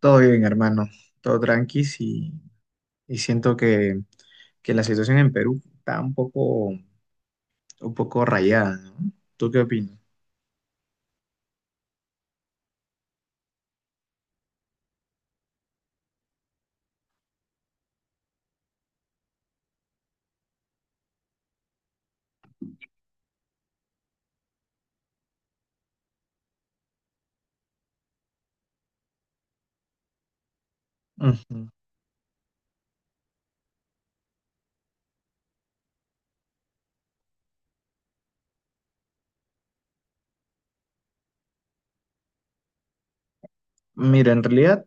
Todo bien, hermano, todo tranqui y siento que la situación en Perú está un poco rayada, ¿no? ¿Tú qué opinas? Ujú. Mira, en realidad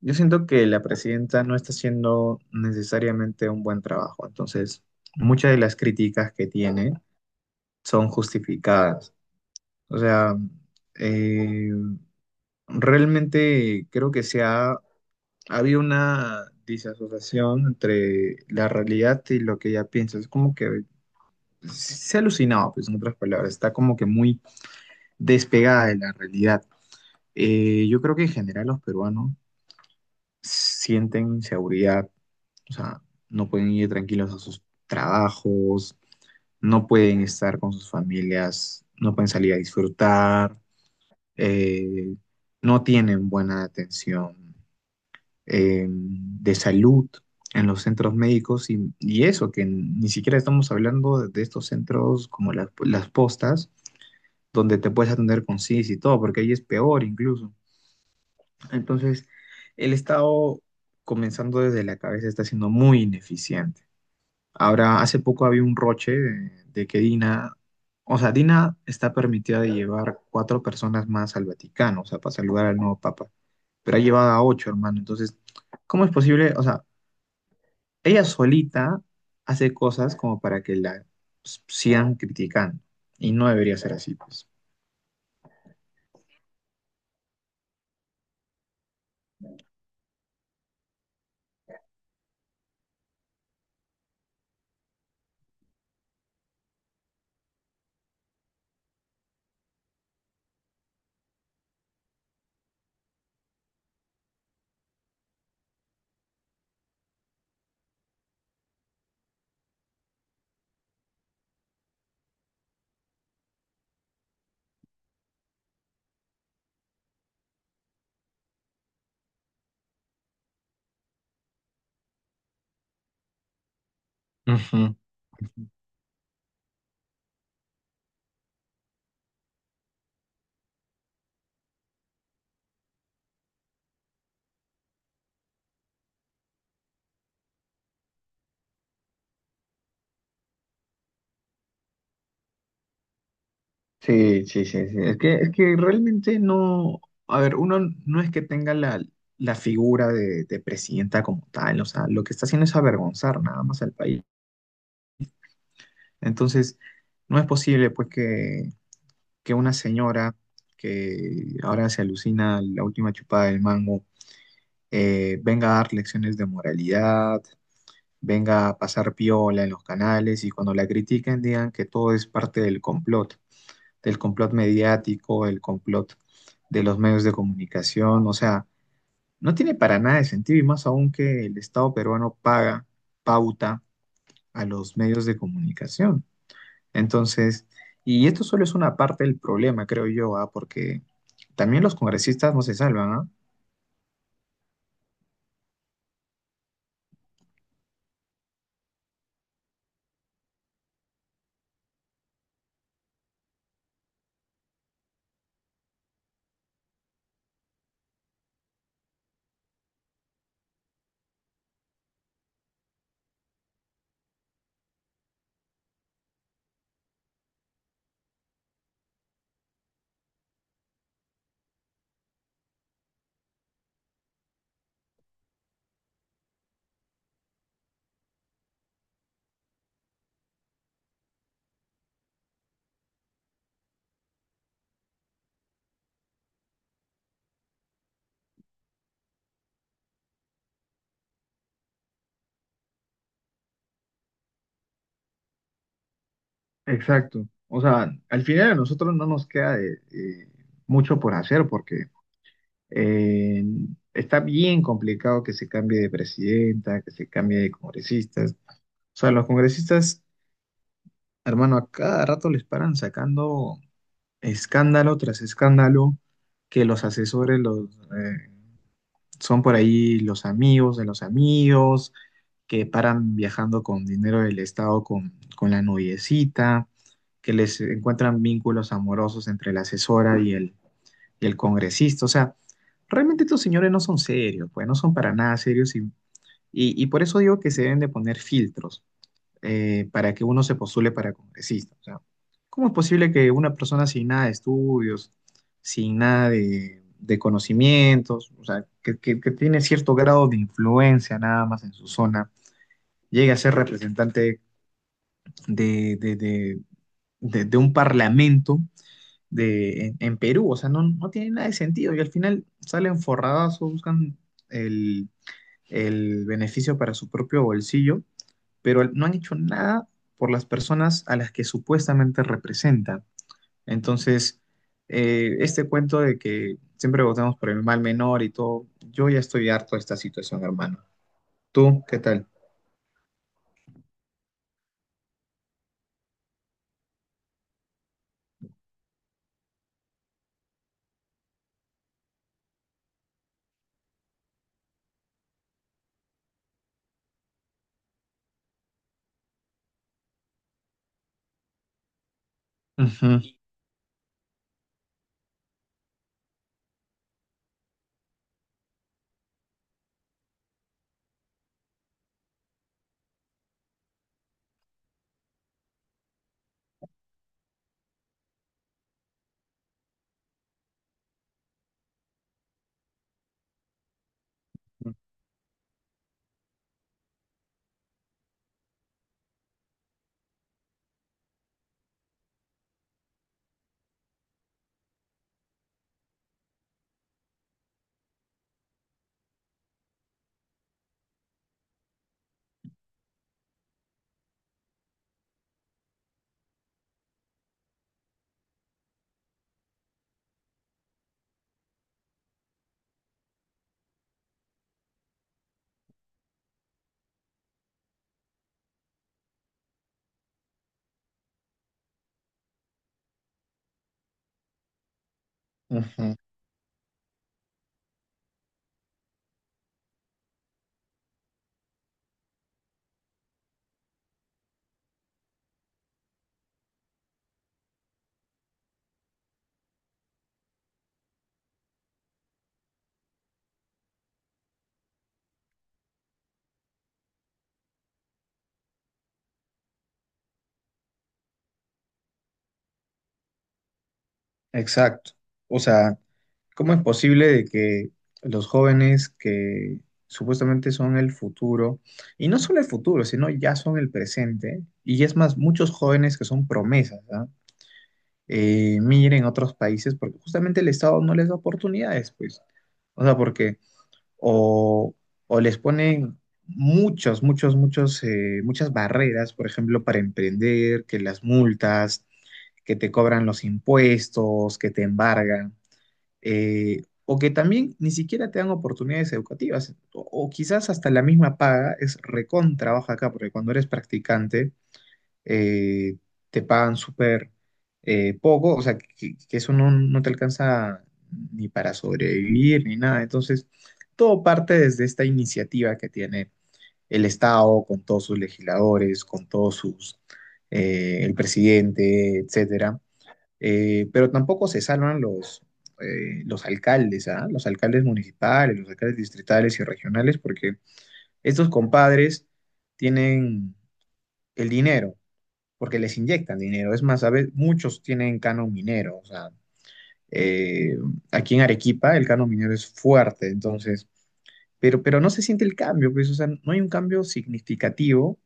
yo siento que la presidenta no está haciendo necesariamente un buen trabajo, entonces muchas de las críticas que tiene son justificadas. O sea, eh, realmente creo que se ha habido una disasociación entre la realidad y lo que ella piensa. Es como que se ha alucinado, pues en otras palabras, está como que muy despegada de la realidad. Yo creo que en general los peruanos sienten inseguridad, o sea, no pueden ir tranquilos a sus trabajos, no pueden estar con sus familias, no pueden salir a disfrutar, eh, no tienen buena atención de salud en los centros médicos y eso, que ni siquiera estamos hablando de estos centros como las postas donde te puedes atender con CIS y todo, porque ahí es peor incluso. Entonces, el Estado, comenzando desde la cabeza, está siendo muy ineficiente. Ahora, hace poco había un roche de que Dina, o sea, Dina está permitida de llevar cuatro personas más al Vaticano, o sea, para saludar al nuevo Papa, pero ha llevado a ocho, hermano. Entonces, ¿cómo es posible? O sea, ella solita hace cosas como para que la sigan criticando, y no debería ser así, pues. Ujú. Sí, sí, sí, sí. Es que realmente no, a ver, uno no es que tenga la figura de presidenta como tal, o sea, lo que está haciendo es avergonzar nada más al país. Entonces, no es posible pues que una señora que ahora se alucina la última chupada del mango, venga a dar lecciones de moralidad, venga a pasar piola en los canales y cuando la critiquen digan que todo es parte del complot. Del complot mediático, el complot de los medios de comunicación, o sea, no tiene para nada de sentido y más aún que el Estado peruano paga pauta a los medios de comunicación. Entonces, y esto solo es una parte del problema, creo yo, ¿ah? Porque también los congresistas no se salvan, ¿ah? Exacto. O sea, al final a nosotros no nos queda de mucho por hacer porque Eh, está bien complicado que se cambie de presidenta, que se cambie de congresistas. O sea, los congresistas, hermano, a cada rato les paran sacando escándalo tras escándalo, que los asesores eh, son por ahí los amigos de los amigos, que paran viajando con dinero del Estado con la noviecita, que les encuentran vínculos amorosos entre la asesora y el congresista. O sea, realmente estos señores no son serios, pues no son para nada serios y por eso digo que se deben de poner filtros para que uno se postule para congresista. O sea, ¿cómo es posible que una persona sin nada de estudios, sin nada de conocimientos, o sea, que tiene cierto grado de influencia nada más en su zona, llegue a ser representante de, de, de de un parlamento? En Perú, o sea, no, no tiene nada de sentido y al final salen forradas o buscan el, el beneficio para su propio bolsillo, pero no han hecho nada por las personas a las que supuestamente representan. Entonces, este cuento de que siempre votamos por el mal menor y todo, yo ya estoy harto de esta situación, hermano. ¿Tú qué tal? Ujú, ujú. Exacto. O sea, ¿cómo es posible de que los jóvenes que supuestamente son el futuro, y no solo el futuro, sino ya son el presente, y es más, muchos jóvenes que son promesas, ¿ah? Miren otros países porque justamente el Estado no les da oportunidades, pues. O sea, porque o, o les ponen muchos, muchos, muchos, muchas barreras, por ejemplo, para emprender, que las multas, que te cobran los impuestos, que te embargan, o que también ni siquiera te dan oportunidades educativas, o quizás hasta la misma paga es recontra baja acá, porque cuando eres practicante eh, te pagan súper poco, o sea, que eso no, no te alcanza ni para sobrevivir ni nada. Entonces, todo parte desde esta iniciativa que tiene el Estado con todos sus legisladores, con el presidente, etcétera. Pero tampoco se salvan los alcaldes, ¿ah? Los alcaldes municipales, los alcaldes distritales y regionales, porque estos compadres tienen el dinero porque les inyectan dinero. Es más, a veces muchos tienen canon minero, o sea, eh, aquí en Arequipa el canon minero es fuerte, entonces, pero no se siente el cambio, pues, o sea, no hay un cambio significativo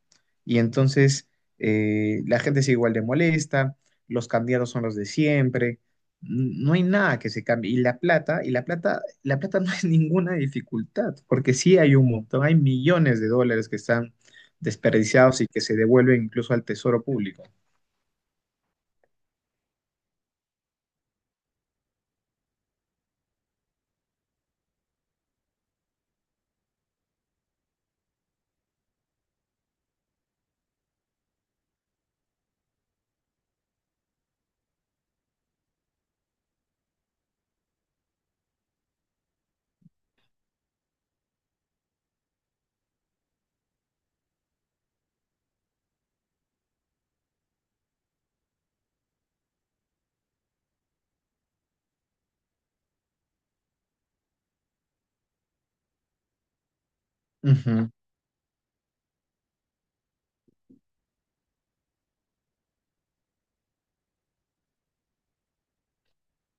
y entonces la gente sigue igual de molesta, los candidatos son los de siempre, no hay nada que se cambie. La plata no es ninguna dificultad, porque sí hay un montón, hay millones de dólares que están desperdiciados y que se devuelven incluso al tesoro público. Ujú.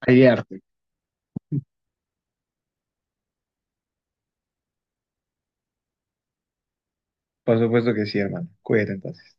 Hay arte. Por supuesto que sí, hermano. Cuídate entonces.